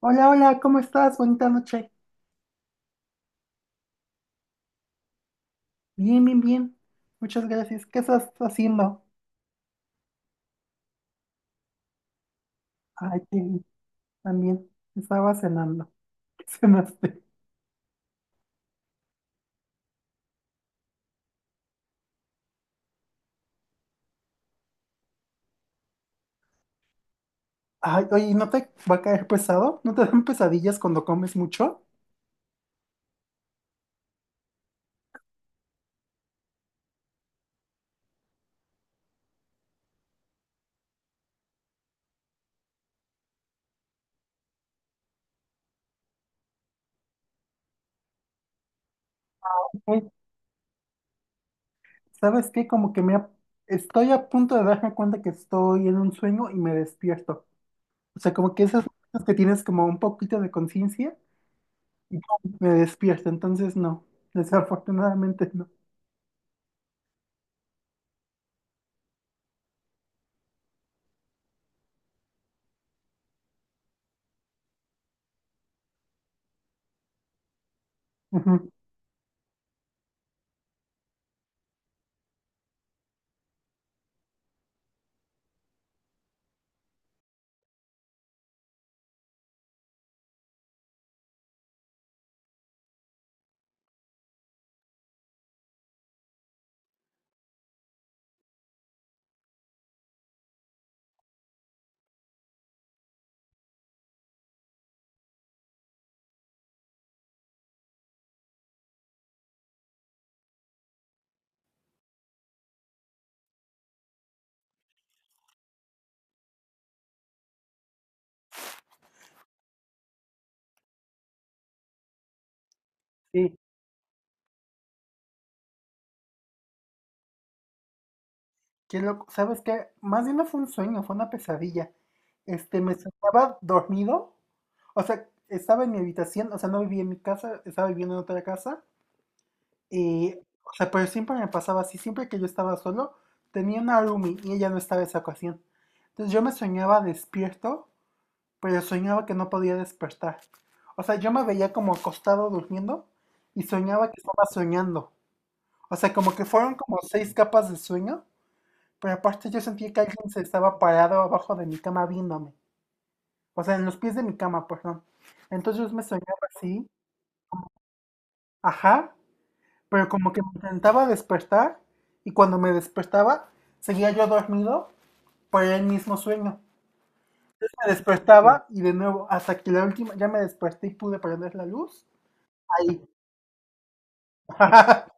Hola, hola, ¿cómo estás? Bonita noche. Bien, bien, bien. Muchas gracias. ¿Qué estás haciendo? Ay, qué bien. También estaba cenando. ¿Qué cenaste? Ay, oye, ¿no te va a caer pesado? ¿No te dan pesadillas cuando comes mucho? Ay, ¿sabes qué? Como que me ha- Estoy a punto de darme cuenta que estoy en un sueño y me despierto. O sea, como que esas cosas que tienes como un poquito de conciencia y pum, me despierto. Entonces, no, desafortunadamente no. Ujú, sí, qué loco. ¿Sabes qué? Más bien no fue un sueño, fue una pesadilla. Este, me soñaba dormido. O sea, estaba en mi habitación, o sea, no vivía en mi casa, estaba viviendo en otra casa. Y, o sea, pero siempre me pasaba así, siempre que yo estaba solo, tenía una roomie y ella no estaba en esa ocasión. Entonces yo me soñaba despierto, pero soñaba que no podía despertar. O sea, yo me veía como acostado durmiendo y soñaba que estaba soñando. O sea, como que fueron como seis capas de sueño. Pero aparte yo sentí que alguien se estaba parado abajo de mi cama viéndome. O sea, en los pies de mi cama, perdón. Entonces yo me soñaba así, ajá, pero como que me intentaba despertar, y cuando me despertaba seguía yo dormido por el mismo sueño. Me despertaba y de nuevo, hasta que la última, ya me desperté y pude prender la luz. Ahí.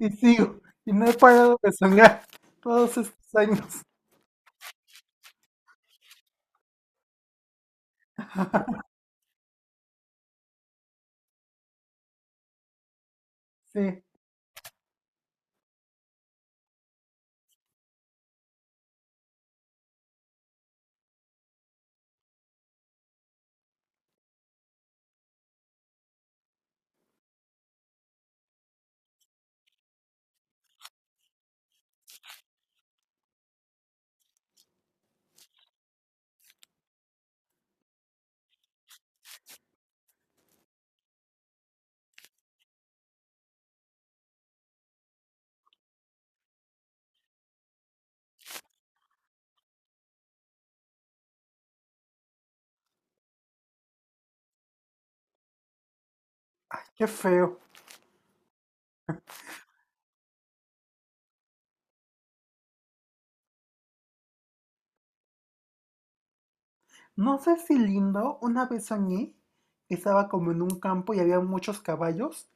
Y sigo. Y no he parado de soñar todos estos años. Sí. Ay, qué feo. No sé si lindo, una vez soñé que estaba como en un campo y había muchos caballos.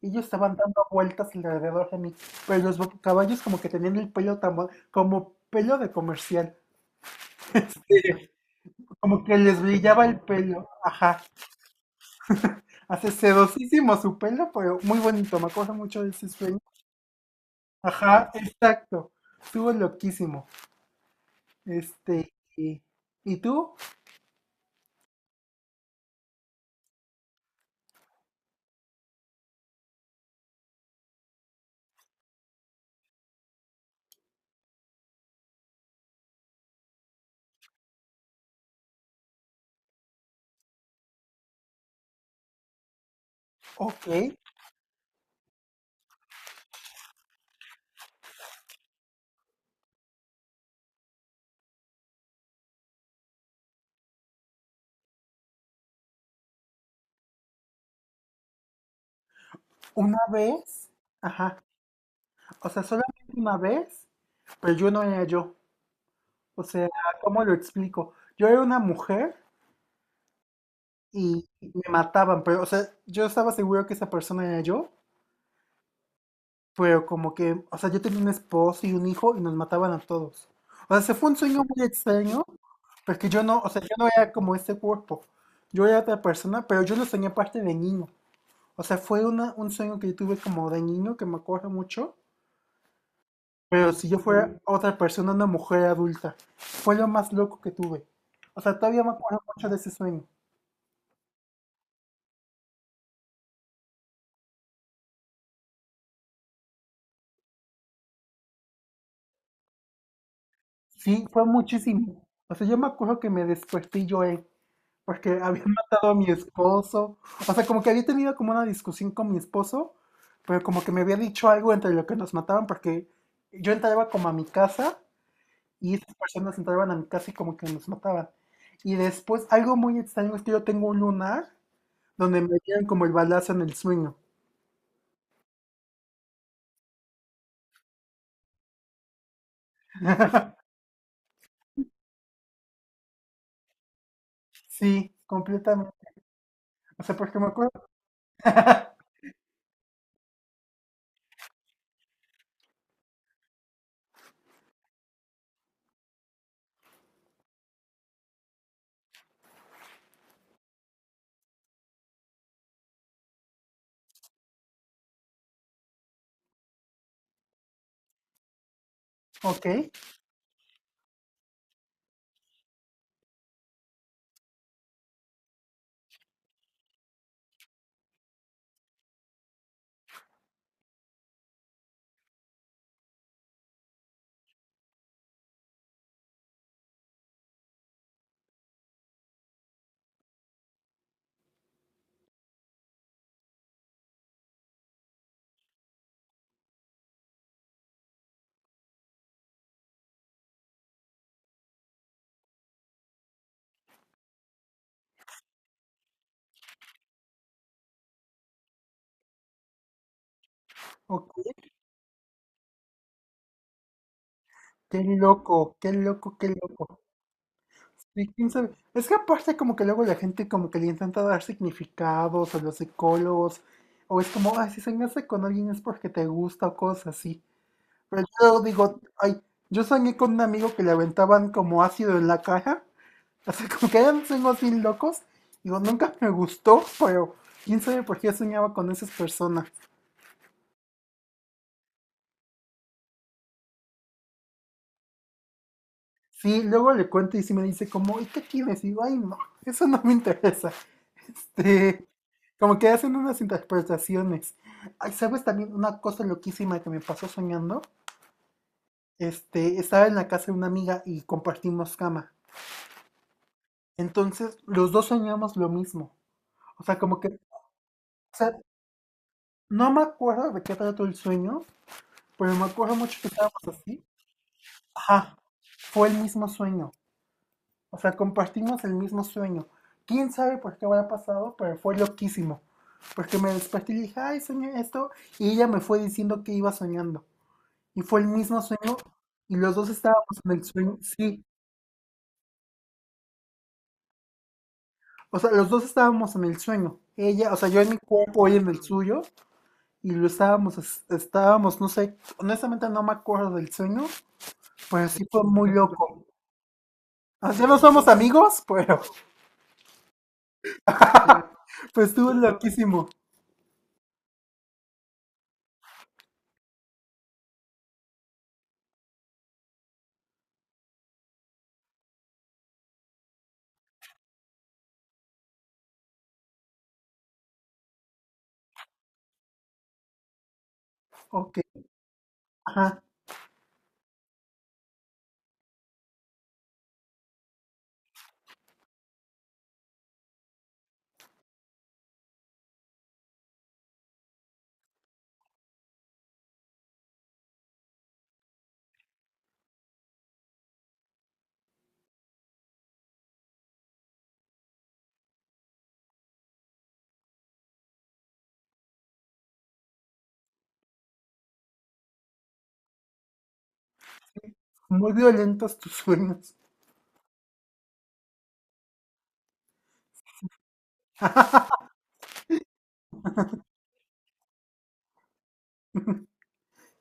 Ellos estaban dando vueltas alrededor de mí, pero los caballos como que tenían el pelo tan, como pelo de comercial. Este, como que les brillaba el pelo. Ajá. Hace sedosísimo su pelo, pero muy bonito. Me acuerdo mucho de ese sueño. Ajá, exacto. Estuvo loquísimo. Este, ¿y tú? Ok. Una vez. Ajá. O sea, solamente una vez, pero yo no era yo. O sea, ¿cómo lo explico? Yo era una mujer y me mataban, pero, o sea, yo estaba seguro que esa persona era yo, pero como que, o sea, yo tenía un esposo y un hijo y nos mataban a todos. O sea, se fue un sueño muy extraño, porque yo no, o sea, yo no era como ese cuerpo. Yo era otra persona, pero yo lo soñé parte de niño. O sea, fue una, un sueño que yo tuve como de niño que me acuerdo mucho. Pero si yo fuera otra persona, una mujer adulta, fue lo más loco que tuve. O sea, todavía me acuerdo mucho de ese sueño. Sí, fue muchísimo. O sea, yo me acuerdo que me desperté y lloré porque había matado a mi esposo. O sea, como que había tenido como una discusión con mi esposo, pero como que me había dicho algo entre lo que nos mataban porque yo entraba como a mi casa y esas personas entraban a mi casa y como que nos mataban. Y después, algo muy extraño es que yo tengo un lunar donde me dieron como el balazo en el sueño. Sí, completamente. O sea, porque me acuerdo. Ok, ok. Qué loco, qué loco, qué loco. Sí, quién sabe. Es que aparte como que luego la gente como que le intenta dar significados a los psicólogos. O es como, ay, si soñaste con alguien es porque te gusta o cosas así. Pero yo luego digo, ay, yo soñé con un amigo que le aventaban como ácido en la cara. O sea, como que eran sueños así locos. Digo, nunca me gustó, pero quién sabe por qué soñaba con esas personas. Sí, luego le cuento y sí me dice como, ¿y qué tienes? Y digo, ay, no, eso no me interesa. Este, como que hacen unas interpretaciones. Ay, ¿sabes también una cosa loquísima que me pasó soñando? Este, estaba en la casa de una amiga y compartimos cama. Entonces, los dos soñamos lo mismo. O sea, como que, o sea, no me acuerdo de qué trató el sueño, pero me acuerdo mucho que estábamos así. Ajá, fue el mismo sueño. O sea, compartimos el mismo sueño. ¿Quién sabe por qué habrá pasado? Pero fue loquísimo. Porque me desperté y dije, ay, soñé esto. Y ella me fue diciendo que iba soñando. Y fue el mismo sueño. Y los dos estábamos en el sueño. Sí. O sea, los dos estábamos en el sueño. Ella, o sea, yo en mi cuerpo, ella en el suyo. Y lo estábamos, estábamos, no sé, honestamente no me acuerdo del sueño. Pero sí fue muy loco. O sea, no somos amigos, pero. Pues estuvo loquísimo. Ok. Ajá. Muy violentos tus sueños.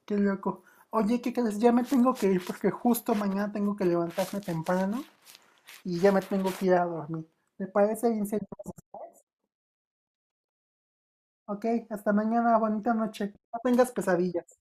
Qué loco. Oye, ¿qué crees? Ya me tengo que ir porque justo mañana tengo que levantarme temprano y ya me tengo que ir a dormir. ¿Te parece bien si entonces? Ok, hasta mañana, bonita noche. No tengas pesadillas.